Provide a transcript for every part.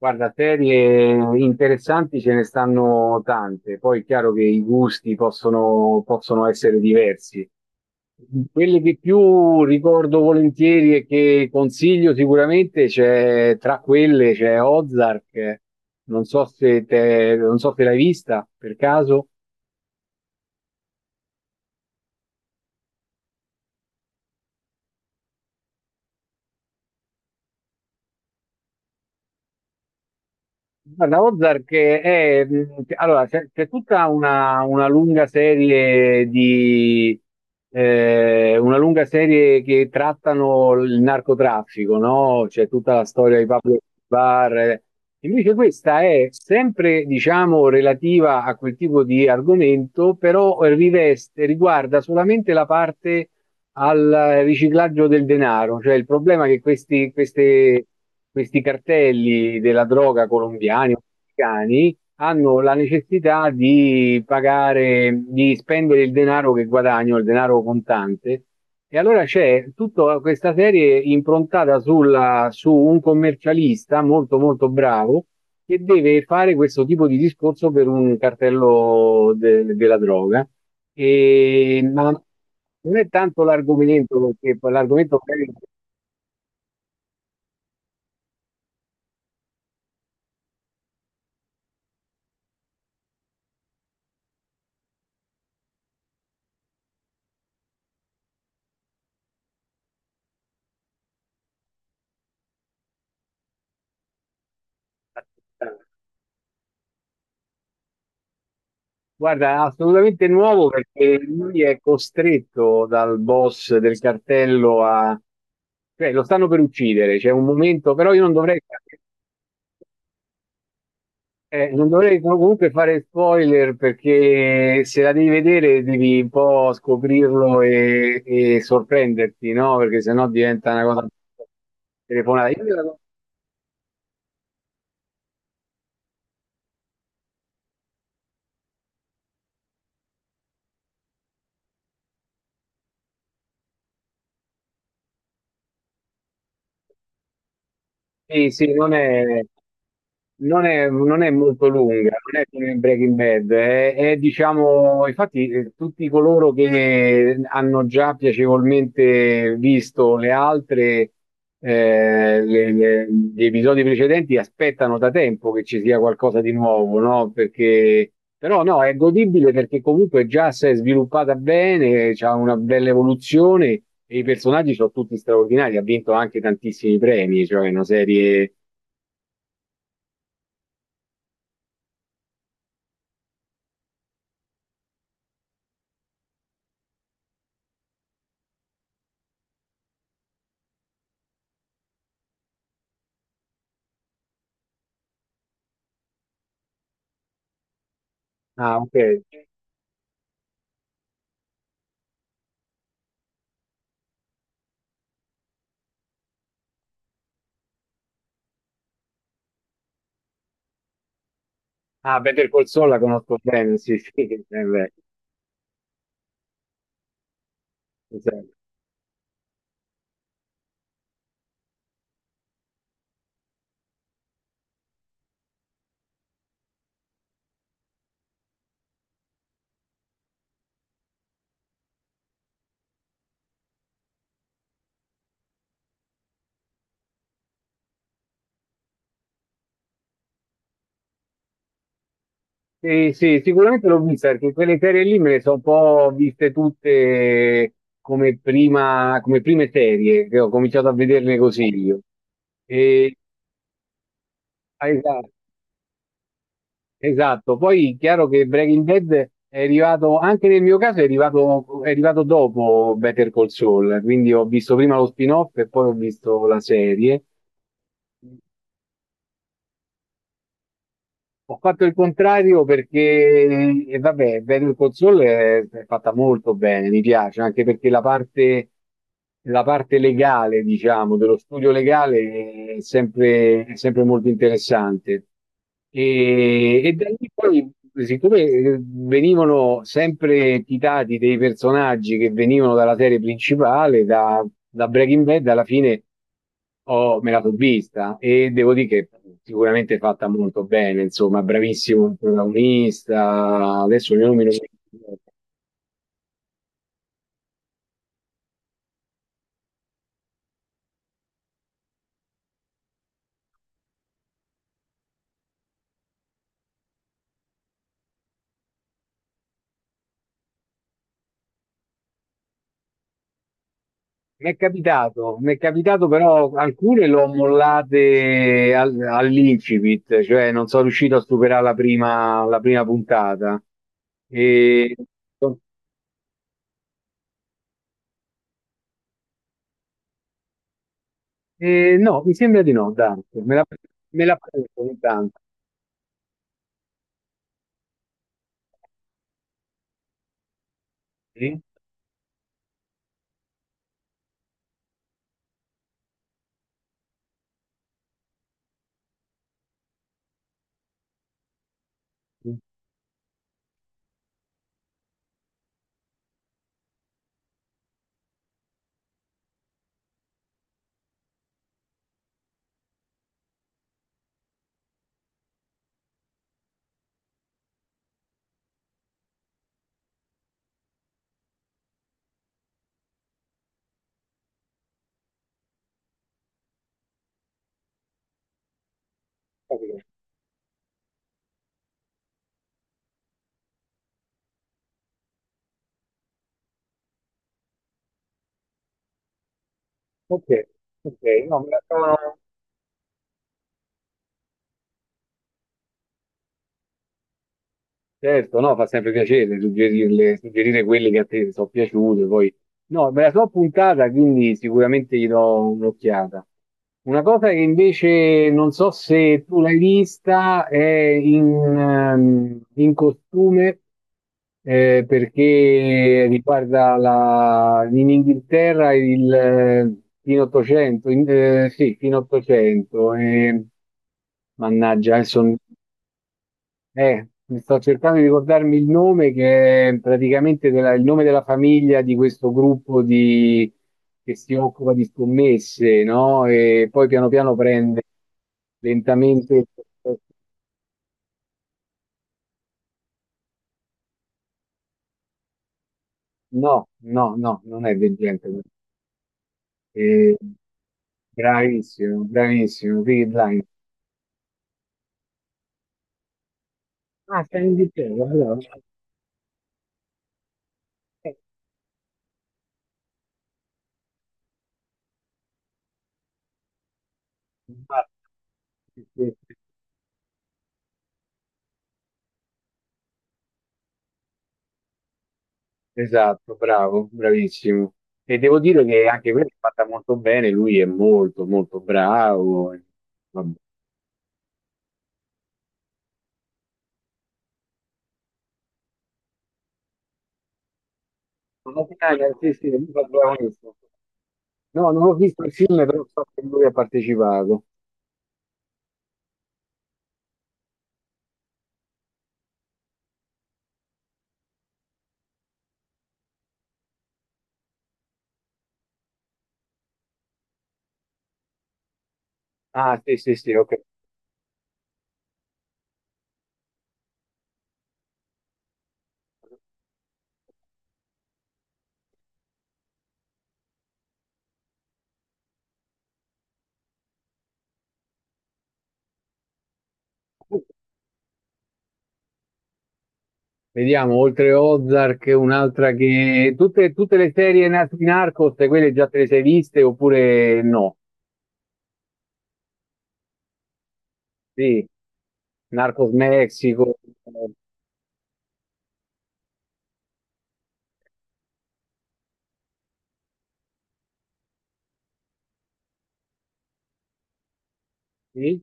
Guarda, serie interessanti ce ne stanno tante, poi è chiaro che i gusti possono, possono essere diversi. Quelle che più ricordo volentieri e che consiglio sicuramente c'è, tra quelle c'è Ozark, non so se non so se l'hai vista per caso. Guarda, Ozark è, allora, c'è tutta una lunga serie di, una lunga serie che trattano il narcotraffico, no? C'è tutta la storia di Pablo Escobar. Invece questa è sempre, diciamo, relativa a quel tipo di argomento, però riveste, riguarda solamente la parte al riciclaggio del denaro, cioè il problema è che questi, questi cartelli della droga colombiani o messicani hanno la necessità di pagare, di spendere il denaro che guadagnano, il denaro contante. E allora c'è tutta questa serie improntata su un commercialista molto molto bravo che deve fare questo tipo di discorso per un cartello della droga. E, ma non è tanto l'argomento, perché poi l'argomento Guarda, è assolutamente nuovo perché lui è costretto dal boss del cartello a... cioè lo stanno per uccidere, c'è un momento, però io non dovrei... Non dovrei comunque fare spoiler perché se la devi vedere devi un po' scoprirlo e sorprenderti, no? Perché sennò diventa una cosa telefonata. Sì, sì, non è molto lunga, non è come Breaking Bad, è, diciamo, infatti tutti coloro che hanno già piacevolmente visto le altre, gli episodi precedenti aspettano da tempo che ci sia qualcosa di nuovo, no? Perché, però no, è godibile perché comunque già si è sviluppata bene, c'ha una bella evoluzione. E i personaggi sono tutti straordinari, ha vinto anche tantissimi premi, cioè una serie... Ah, ok. Ah, Better Call Saul la conosco bene, sì, sì, beh, esatto. Sì, sì, sicuramente l'ho vista, perché quelle serie lì me le sono un po' viste tutte come prima, come prime serie, che ho cominciato a vederle così io. E, ah, esatto. Esatto, poi chiaro che Breaking Bad è arrivato, anche nel mio caso è arrivato dopo Better Call Saul, quindi ho visto prima lo spin-off e poi ho visto la serie. Ho fatto il contrario perché, e vabbè, Better Call Saul è fatta molto bene, mi piace, anche perché la parte legale, diciamo, dello studio legale è sempre molto interessante. E da lì poi, siccome venivano sempre citati dei personaggi che venivano dalla serie principale, da, da Breaking Bad, alla fine. Me la sono vista e devo dire che sicuramente è fatta molto bene, insomma, bravissimo il protagonista. Adesso il nome non mi ricordo. Mi è capitato però alcune l'ho mollate all'incipit, cioè non sono riuscito a superare la prima puntata. E, e no, mi sembra di no, Dante. Me la prendo ogni tanto. Sì? Ok, ok, ok, no, me la sono Certo, no, fa sempre piacere suggerirle, suggerire quelle che a te sono piaciute, poi... No, me la so puntata, quindi sicuramente gli do un'occhiata. Una cosa che invece non so se tu l'hai vista è in, in costume, perché riguarda la, in Inghilterra il fine 800, sì, fine 800, mannaggia, adesso mi sto cercando di ricordarmi il nome che è praticamente il nome della famiglia di questo gruppo che si occupa di scommesse, no? E poi piano piano prende lentamente. No, no, no, non è del genere. Eh, bravissimo, bravissimo, Peaky Blinders. Ah, sta in Inghilterra, allora. Eh, guarda. Esatto, bravo, bravissimo. E devo dire che anche quella è fatta molto bene, lui è molto molto bravo. E vabbè. Non ho finale, sì, sì, lui fa il protagonista. No, non ho visto il film, però so che lui ha partecipato. Ah, sì, sì, sì, ok. Vediamo, oltre Ozark, un'altra che... Tutte, tutte le serie di Narcos, quelle già te le sei viste oppure no? Sì, Narcos Mexico, sì.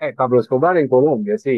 Pablo Escobar in Colombia, sì.